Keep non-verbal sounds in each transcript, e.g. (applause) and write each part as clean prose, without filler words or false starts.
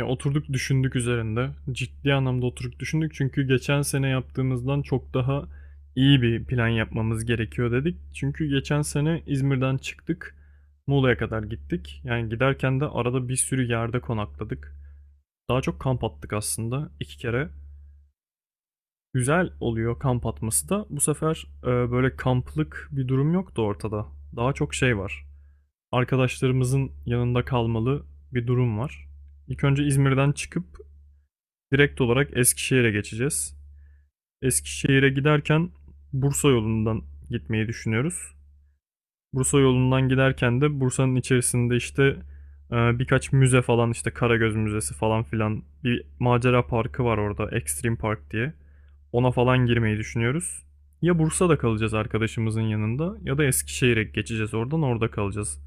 Ya oturduk düşündük üzerinde. Ciddi anlamda oturduk düşündük çünkü geçen sene yaptığımızdan çok daha iyi bir plan yapmamız gerekiyor dedik. Çünkü geçen sene İzmir'den çıktık. Muğla'ya kadar gittik. Yani giderken de arada bir sürü yerde konakladık. Daha çok kamp attık aslında 2 kere. Güzel oluyor kamp atması da. Bu sefer böyle kamplık bir durum yoktu ortada. Daha çok şey var. Arkadaşlarımızın yanında kalmalı bir durum var. İlk önce İzmir'den çıkıp direkt olarak Eskişehir'e geçeceğiz. Eskişehir'e giderken Bursa yolundan gitmeyi düşünüyoruz. Bursa yolundan giderken de Bursa'nın içerisinde işte birkaç müze falan, işte Karagöz Müzesi falan filan, bir macera parkı var orada, Extreme Park diye. Ona falan girmeyi düşünüyoruz. Ya Bursa'da kalacağız arkadaşımızın yanında ya da Eskişehir'e geçeceğiz, oradan orada kalacağız.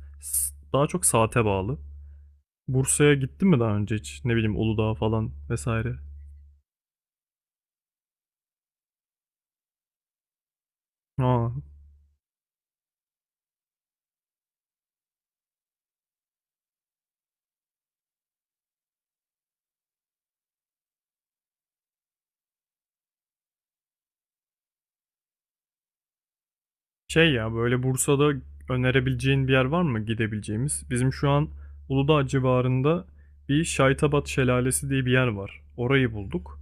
Daha çok saate bağlı. Bursa'ya gittin mi daha önce hiç? Ne bileyim, Uludağ falan vesaire. Aa, şey ya, böyle Bursa'da önerebileceğin bir yer var mı gidebileceğimiz? Bizim şu an Uludağ civarında bir Şaytabat Şelalesi diye bir yer var. Orayı bulduk.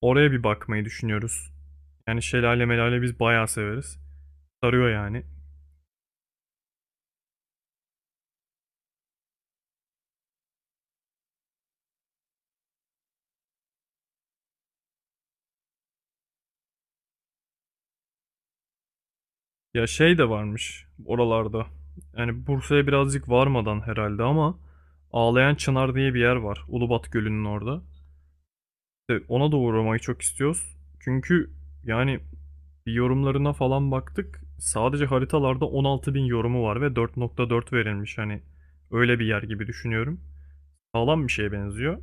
Oraya bir bakmayı düşünüyoruz. Yani şelale melale biz bayağı severiz. Sarıyor yani. Ya şey de varmış oralarda. Yani Bursa'ya birazcık varmadan herhalde ama Ağlayan Çınar diye bir yer var, Ulubat Gölü'nün orada. İşte ona da uğramayı çok istiyoruz. Çünkü yani bir yorumlarına falan baktık. Sadece haritalarda 16.000 yorumu var ve 4,4 verilmiş. Hani öyle bir yer gibi düşünüyorum. Sağlam bir şeye benziyor.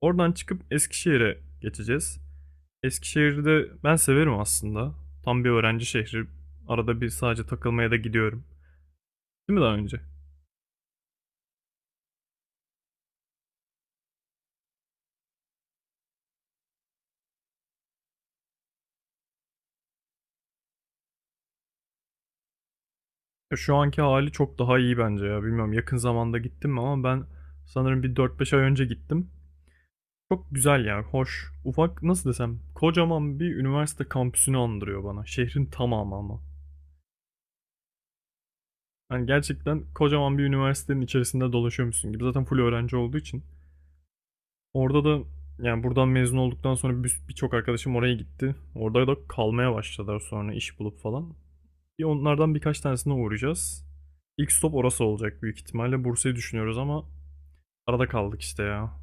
Oradan çıkıp Eskişehir'e geçeceğiz. Eskişehir'de ben severim aslında. Tam bir öğrenci şehri. Arada bir sadece takılmaya da gidiyorum. Değil mi daha önce? Ya şu anki hali çok daha iyi bence ya. Bilmiyorum yakın zamanda gittim mi ama ben sanırım bir 4-5 ay önce gittim. Çok güzel ya, hoş. Ufak, nasıl desem, kocaman bir üniversite kampüsünü andırıyor bana. Şehrin tamamı ama. Yani gerçekten kocaman bir üniversitenin içerisinde dolaşıyormuşsun gibi. Zaten full öğrenci olduğu için. Orada da yani buradan mezun olduktan sonra birçok arkadaşım oraya gitti. Orada da kalmaya başladılar sonra, iş bulup falan. Bir onlardan birkaç tanesine uğrayacağız. İlk stop orası olacak büyük ihtimalle. Bursa'yı düşünüyoruz ama arada kaldık işte ya.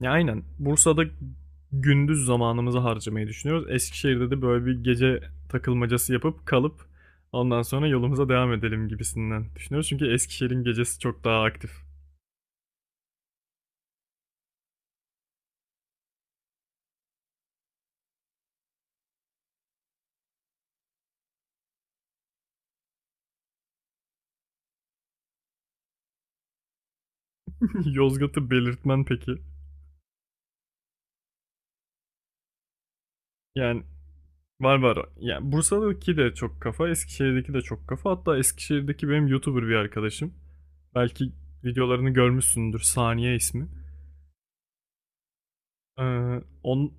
Ya aynen. Bursa'da gündüz zamanımızı harcamayı düşünüyoruz. Eskişehir'de de böyle bir gece takılmacası yapıp kalıp ondan sonra yolumuza devam edelim gibisinden düşünüyoruz. Çünkü Eskişehir'in gecesi çok daha aktif. (laughs) Yozgat'ı belirtmen peki. Yani var var. Yani Bursa'daki de çok kafa, Eskişehir'deki de çok kafa. Hatta Eskişehir'deki benim YouTuber bir arkadaşım. Belki videolarını görmüşsündür. Saniye ismi. Ee, on,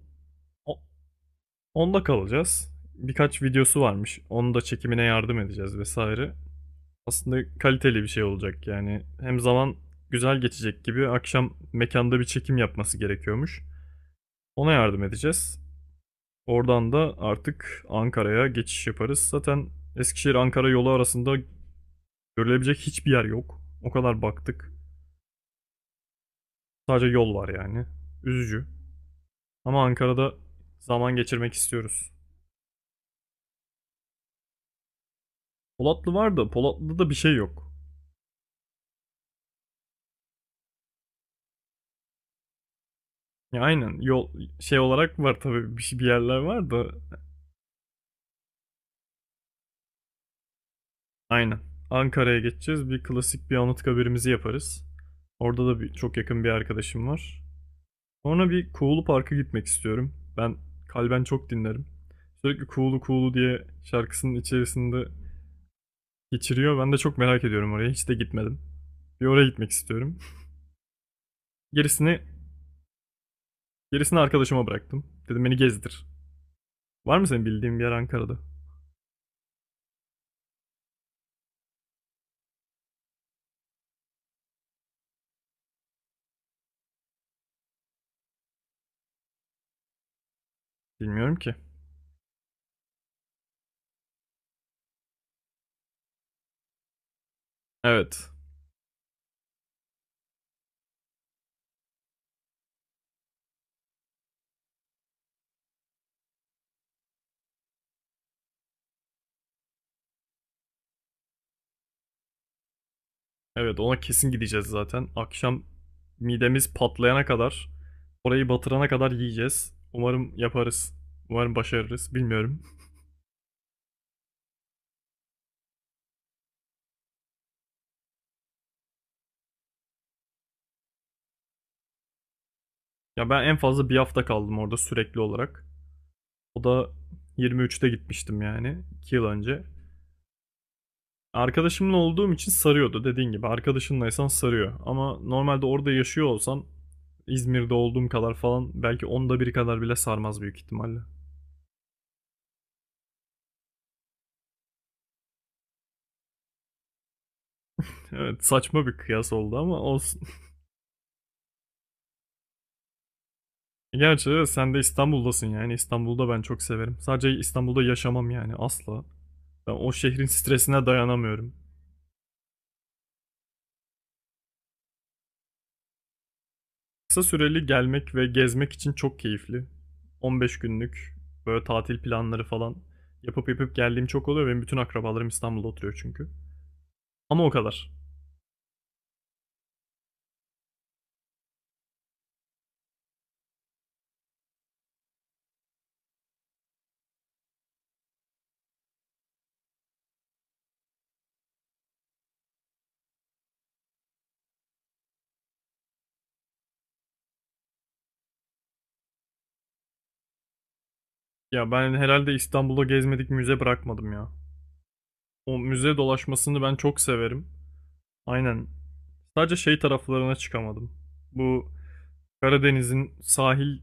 Onda kalacağız. Birkaç videosu varmış. Onu da, çekimine yardım edeceğiz vesaire. Aslında kaliteli bir şey olacak yani. Hem zaman güzel geçecek gibi, akşam mekanda bir çekim yapması gerekiyormuş. Ona yardım edeceğiz. Oradan da artık Ankara'ya geçiş yaparız. Zaten Eskişehir-Ankara yolu arasında görülebilecek hiçbir yer yok. O kadar baktık. Sadece yol var yani. Üzücü. Ama Ankara'da zaman geçirmek istiyoruz. Polatlı var da Polatlı'da da bir şey yok. Ya aynen, yol şey olarak var tabii, bir, bir yerler var da aynen. Ankara'ya geçeceğiz. Bir klasik bir Anıtkabir'imizi yaparız. Orada da bir, çok yakın bir arkadaşım var. Sonra bir Kuğulu Park'a gitmek istiyorum. Ben Kalben çok dinlerim. Sürekli Kuğulu Kuğulu diye şarkısının içerisinde geçiriyor. Ben de çok merak ediyorum oraya. Hiç de gitmedim. Bir oraya gitmek istiyorum. Gerisini gerisini arkadaşıma bıraktım. Dedim beni gezdir. Var mı senin bildiğin bir yer Ankara'da? Bilmiyorum ki. Evet. Evet, ona kesin gideceğiz zaten. Akşam midemiz patlayana kadar, orayı batırana kadar yiyeceğiz. Umarım yaparız. Umarım başarırız. Bilmiyorum. Ya ben en fazla bir hafta kaldım orada sürekli olarak. O da 23'te gitmiştim yani. 2 yıl önce. Arkadaşımla olduğum için sarıyordu, dediğin gibi. Arkadaşınlaysan sarıyor. Ama normalde orada yaşıyor olsan İzmir'de olduğum kadar falan, belki onda bir kadar bile sarmaz büyük ihtimalle. Evet, saçma bir kıyas oldu ama olsun. Gerçi sen de İstanbul'dasın yani. İstanbul'da ben çok severim. Sadece İstanbul'da yaşamam yani, asla. Ben o şehrin stresine dayanamıyorum. Kısa süreli gelmek ve gezmek için çok keyifli. 15 günlük böyle tatil planları falan yapıp yapıp geldiğim çok oluyor. Benim bütün akrabalarım İstanbul'da oturuyor çünkü. Ama o kadar. Ya ben herhalde İstanbul'da gezmedik müze bırakmadım ya. O müze dolaşmasını ben çok severim. Aynen. Sadece şey taraflarına çıkamadım. Bu Karadeniz'in sahil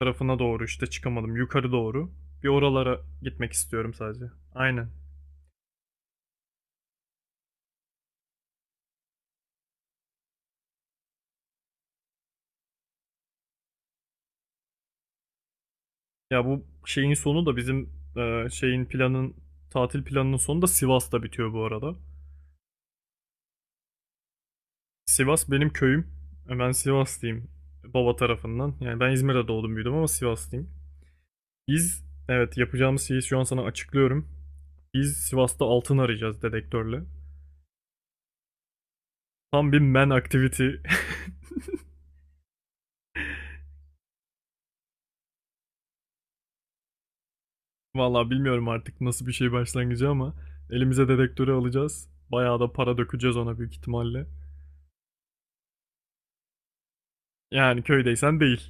tarafına doğru işte çıkamadım. Yukarı doğru. Bir oralara gitmek istiyorum sadece. Aynen. Ya bu şeyin sonu da bizim e, şeyin planın tatil planının sonu da Sivas'ta bitiyor bu arada. Sivas benim köyüm. Ben Sivaslıyım baba tarafından. Yani ben İzmir'de doğdum büyüdüm ama Sivaslıyım. Biz, evet, yapacağımız şeyi şu an sana açıklıyorum. Biz Sivas'ta altın arayacağız, dedektörle. Tam bir man activity. (laughs) Vallahi bilmiyorum artık nasıl bir şey başlangıcı ama elimize dedektörü alacağız. Bayağı da para dökeceğiz ona büyük ihtimalle. Yani köydeysen değil.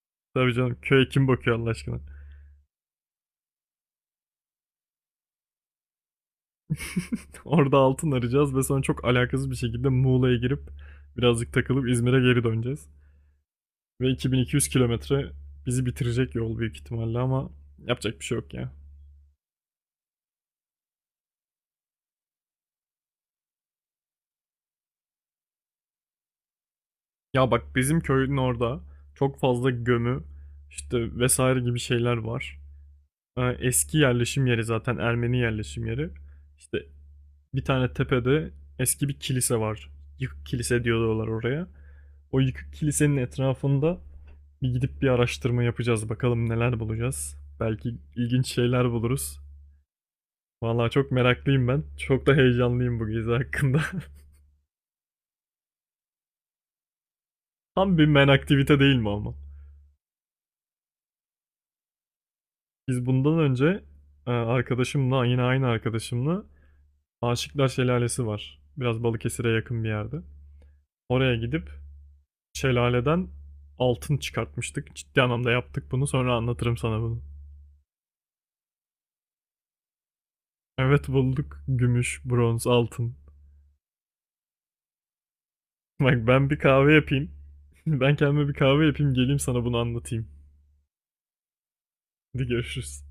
(laughs) Tabii canım, köye kim bakıyor Allah aşkına? (laughs) Orada altın arayacağız ve sonra çok alakasız bir şekilde Muğla'ya girip birazcık takılıp İzmir'e geri döneceğiz. Ve 2200 kilometre bizi bitirecek yol büyük ihtimalle ama yapacak bir şey yok ya. Ya bak, bizim köyün orada çok fazla gömü işte vesaire gibi şeyler var. Eski yerleşim yeri zaten, Ermeni yerleşim yeri. İşte bir tane tepede eski bir kilise var. Yıkık kilise diyorlar oraya. O yıkık kilisenin etrafında bir gidip bir araştırma yapacağız. Bakalım neler bulacağız. Belki ilginç şeyler buluruz. Vallahi çok meraklıyım ben. Çok da heyecanlıyım bu gezi hakkında. (laughs) Tam bir men aktivite değil mi ama? Biz bundan önce yine aynı arkadaşımla Aşıklar Şelalesi var. Biraz Balıkesir'e yakın bir yerde. Oraya gidip şelaleden altın çıkartmıştık. Ciddi anlamda yaptık bunu. Sonra anlatırım sana bunu. Evet, bulduk. Gümüş, bronz, altın. Bak ben bir kahve yapayım. (laughs) Ben kendime bir kahve yapayım, geleyim sana bunu anlatayım. Hadi görüşürüz.